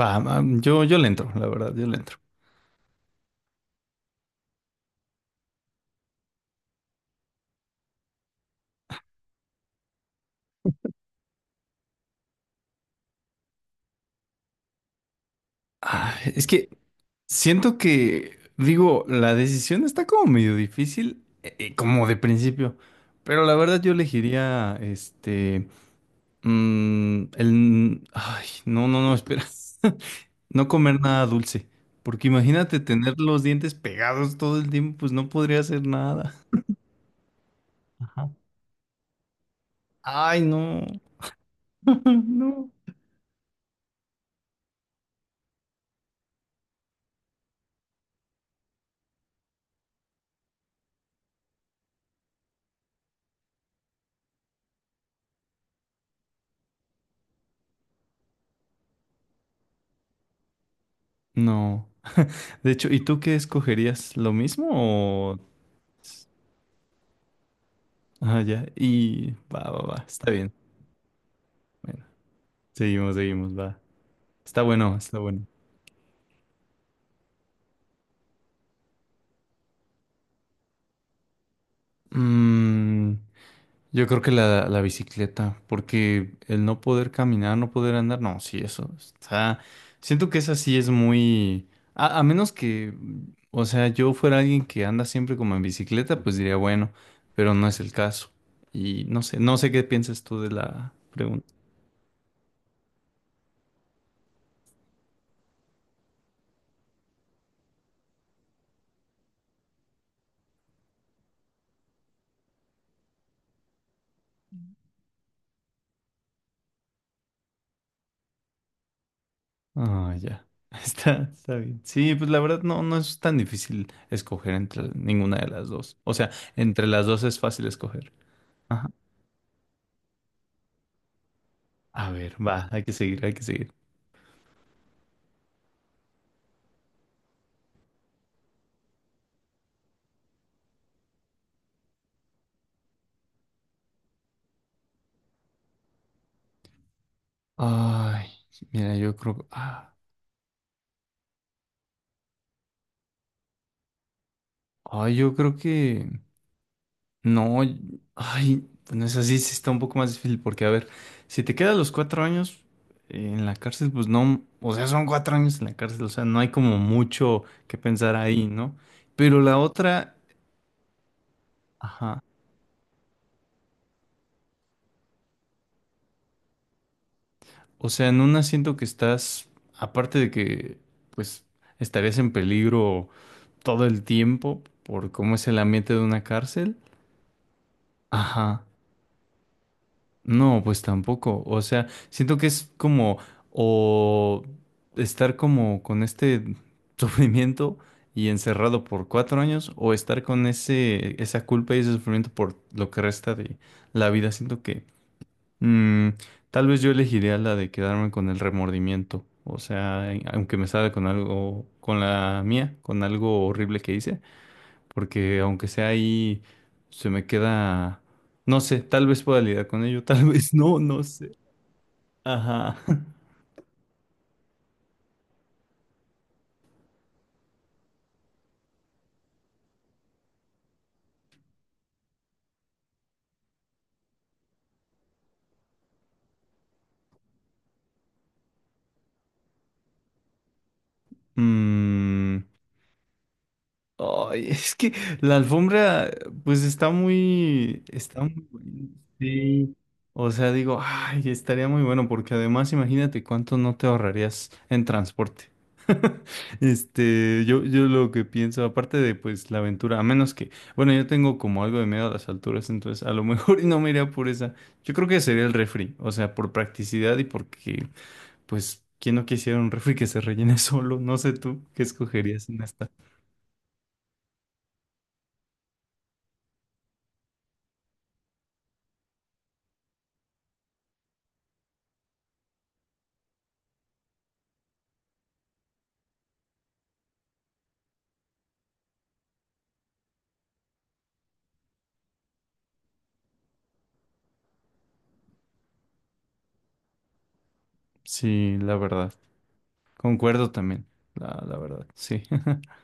Va, yo le entro, la verdad, yo le entro. Ah, es que siento que, digo, la decisión está como medio difícil, como de principio, pero la verdad yo elegiría, este, ay, no, no, no, espera, no comer nada dulce, porque imagínate tener los dientes pegados todo el tiempo, pues no podría hacer nada. Ajá. Ay, no, no, no. De hecho, ¿y tú qué escogerías? ¿Lo mismo o...? Ah, ya. Y va, va, va. Está bien. Bueno, seguimos, seguimos, va. Está bueno, está bueno. Mm, yo creo que la bicicleta, porque el no poder caminar, no poder andar, no, sí, eso está. Siento que esa sí es muy. A menos que, o sea, yo fuera alguien que anda siempre como en bicicleta, pues diría, bueno, pero no es el caso. Y no sé, no sé qué piensas tú de la pregunta. Ah, ya. Está bien. Sí, pues la verdad no es tan difícil escoger entre ninguna de las dos. O sea, entre las dos es fácil escoger. Ajá. A ver, va, hay que seguir, hay que seguir. Ay, mira, yo creo. Ah, ay, yo creo que. No, ay, bueno, es así, sí está un poco más difícil porque, a ver, si te quedas los 4 años en la cárcel, pues no. O sea, son 4 años en la cárcel, o sea, no hay como mucho que pensar ahí, ¿no? Pero la otra. Ajá. O sea, en una siento que estás, aparte de que, pues, estarías en peligro todo el tiempo por cómo es el ambiente de una cárcel. Ajá. No, pues tampoco. O sea, siento que es como, o estar como con este sufrimiento y encerrado por 4 años, o estar con esa culpa y ese sufrimiento por lo que resta de la vida. Siento que Mm, tal vez yo elegiría la de quedarme con el remordimiento. O sea, aunque me salga con algo, con la mía, con algo horrible que hice, porque aunque sea ahí, se me queda, no sé, tal vez pueda lidiar con ello, tal vez no, no sé. Ajá. Mm. Ay, es que la alfombra, pues está muy buena, sí. O sea, digo, ay, estaría muy bueno, porque además imagínate cuánto no te ahorrarías en transporte. Este, yo lo que pienso, aparte de pues la aventura, a menos que, bueno, yo tengo como algo de miedo a las alturas, entonces a lo mejor y no me iría por esa. Yo creo que sería el refri, o sea, por practicidad y porque, pues, ¿quién no quisiera un refri que se rellene solo? No sé tú, ¿qué escogerías en esta? Sí, la verdad. Concuerdo también. La verdad, sí.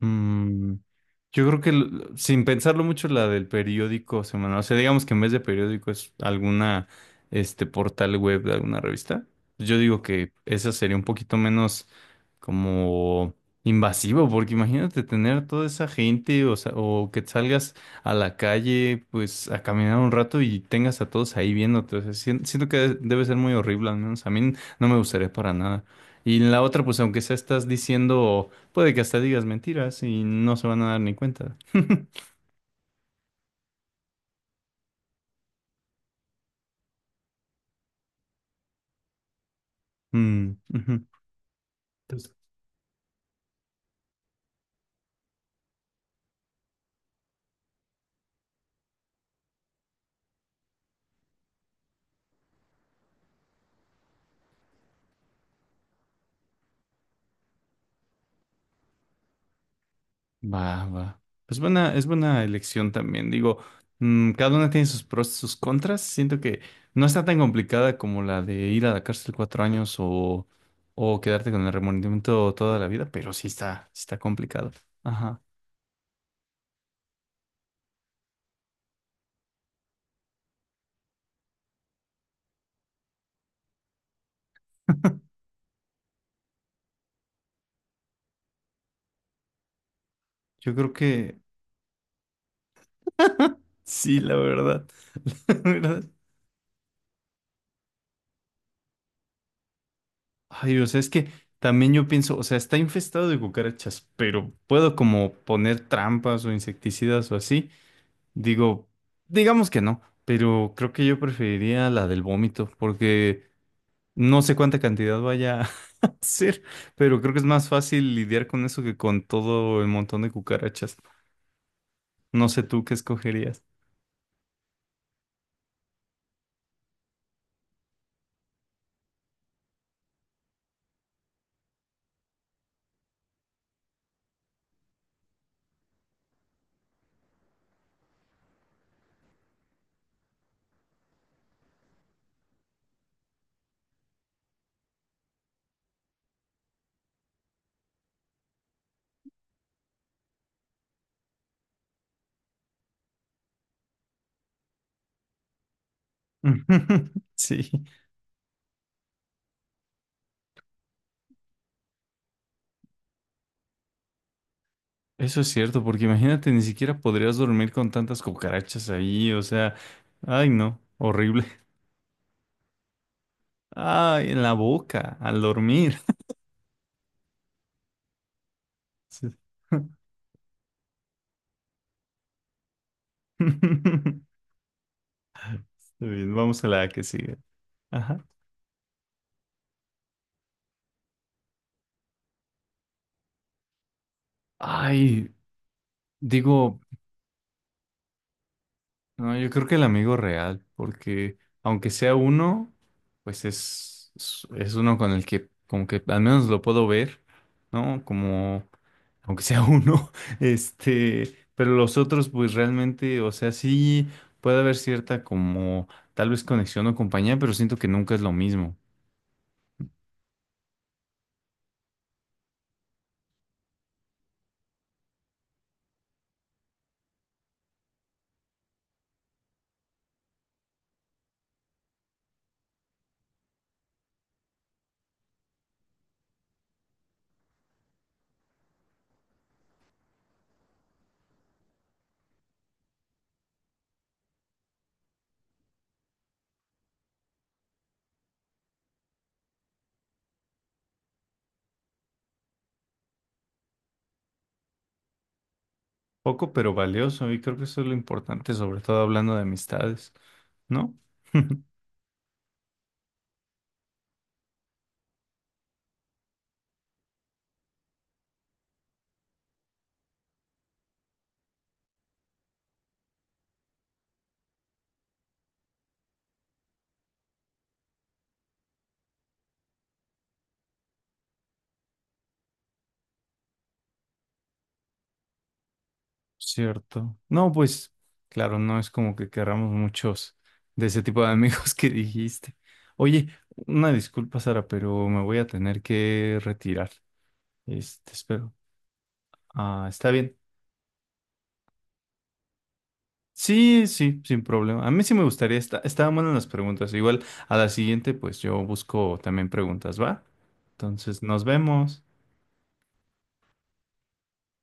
Mm, yo creo que sin pensarlo mucho la del periódico semanal, o sea, digamos que en vez de periódico es alguna este portal web de alguna revista. Yo digo que esa sería un poquito menos como invasivo, porque imagínate tener toda esa gente, o sea, o que salgas a la calle pues a caminar un rato y tengas a todos ahí viéndote. O sea, siento que debe ser muy horrible, al menos a mí no me gustaría para nada. Y en la otra, pues aunque sea estás diciendo. Puede que hasta digas mentiras y no se van a dar ni cuenta. Mm, ujú. Entonces, va, va. Pues buena, es buena elección también. Digo, cada una tiene sus pros y sus contras. Siento que no está tan complicada como la de ir a la cárcel 4 años o quedarte con el remordimiento toda la vida, pero sí está complicado. Ajá. Yo creo que sí, la verdad. La verdad. Ay, o sea, es que también yo pienso, o sea, está infestado de cucarachas, pero puedo como poner trampas o insecticidas o así. Digo, digamos que no, pero creo que yo preferiría la del vómito, porque no sé cuánta cantidad vaya a ser, pero creo que es más fácil lidiar con eso que con todo el montón de cucarachas. No sé tú qué escogerías. Sí, eso es cierto, porque imagínate, ni siquiera podrías dormir con tantas cucarachas ahí, o sea, ay, no, horrible. Ay, en la boca, al dormir. Sí. Está bien, vamos a la que sigue. Ajá. Ay, digo, no, yo creo que el amigo real, porque aunque sea uno, pues es uno con el que como que al menos lo puedo ver, ¿no? Como, aunque sea uno, este, pero los otros pues realmente, o sea, sí puede haber cierta como tal vez conexión o compañía, pero siento que nunca es lo mismo. Poco pero valioso, y creo que eso es lo importante, sobre todo hablando de amistades, ¿no? Cierto. No, pues, claro, no es como que querramos muchos de ese tipo de amigos que dijiste. Oye, una disculpa, Sara, pero me voy a tener que retirar. Este, espero. Ah, está bien. Sí, sí, sin problema. A mí sí me gustaría, estaban buenas las preguntas. Igual a la siguiente, pues yo busco también preguntas, ¿va? Entonces, nos vemos.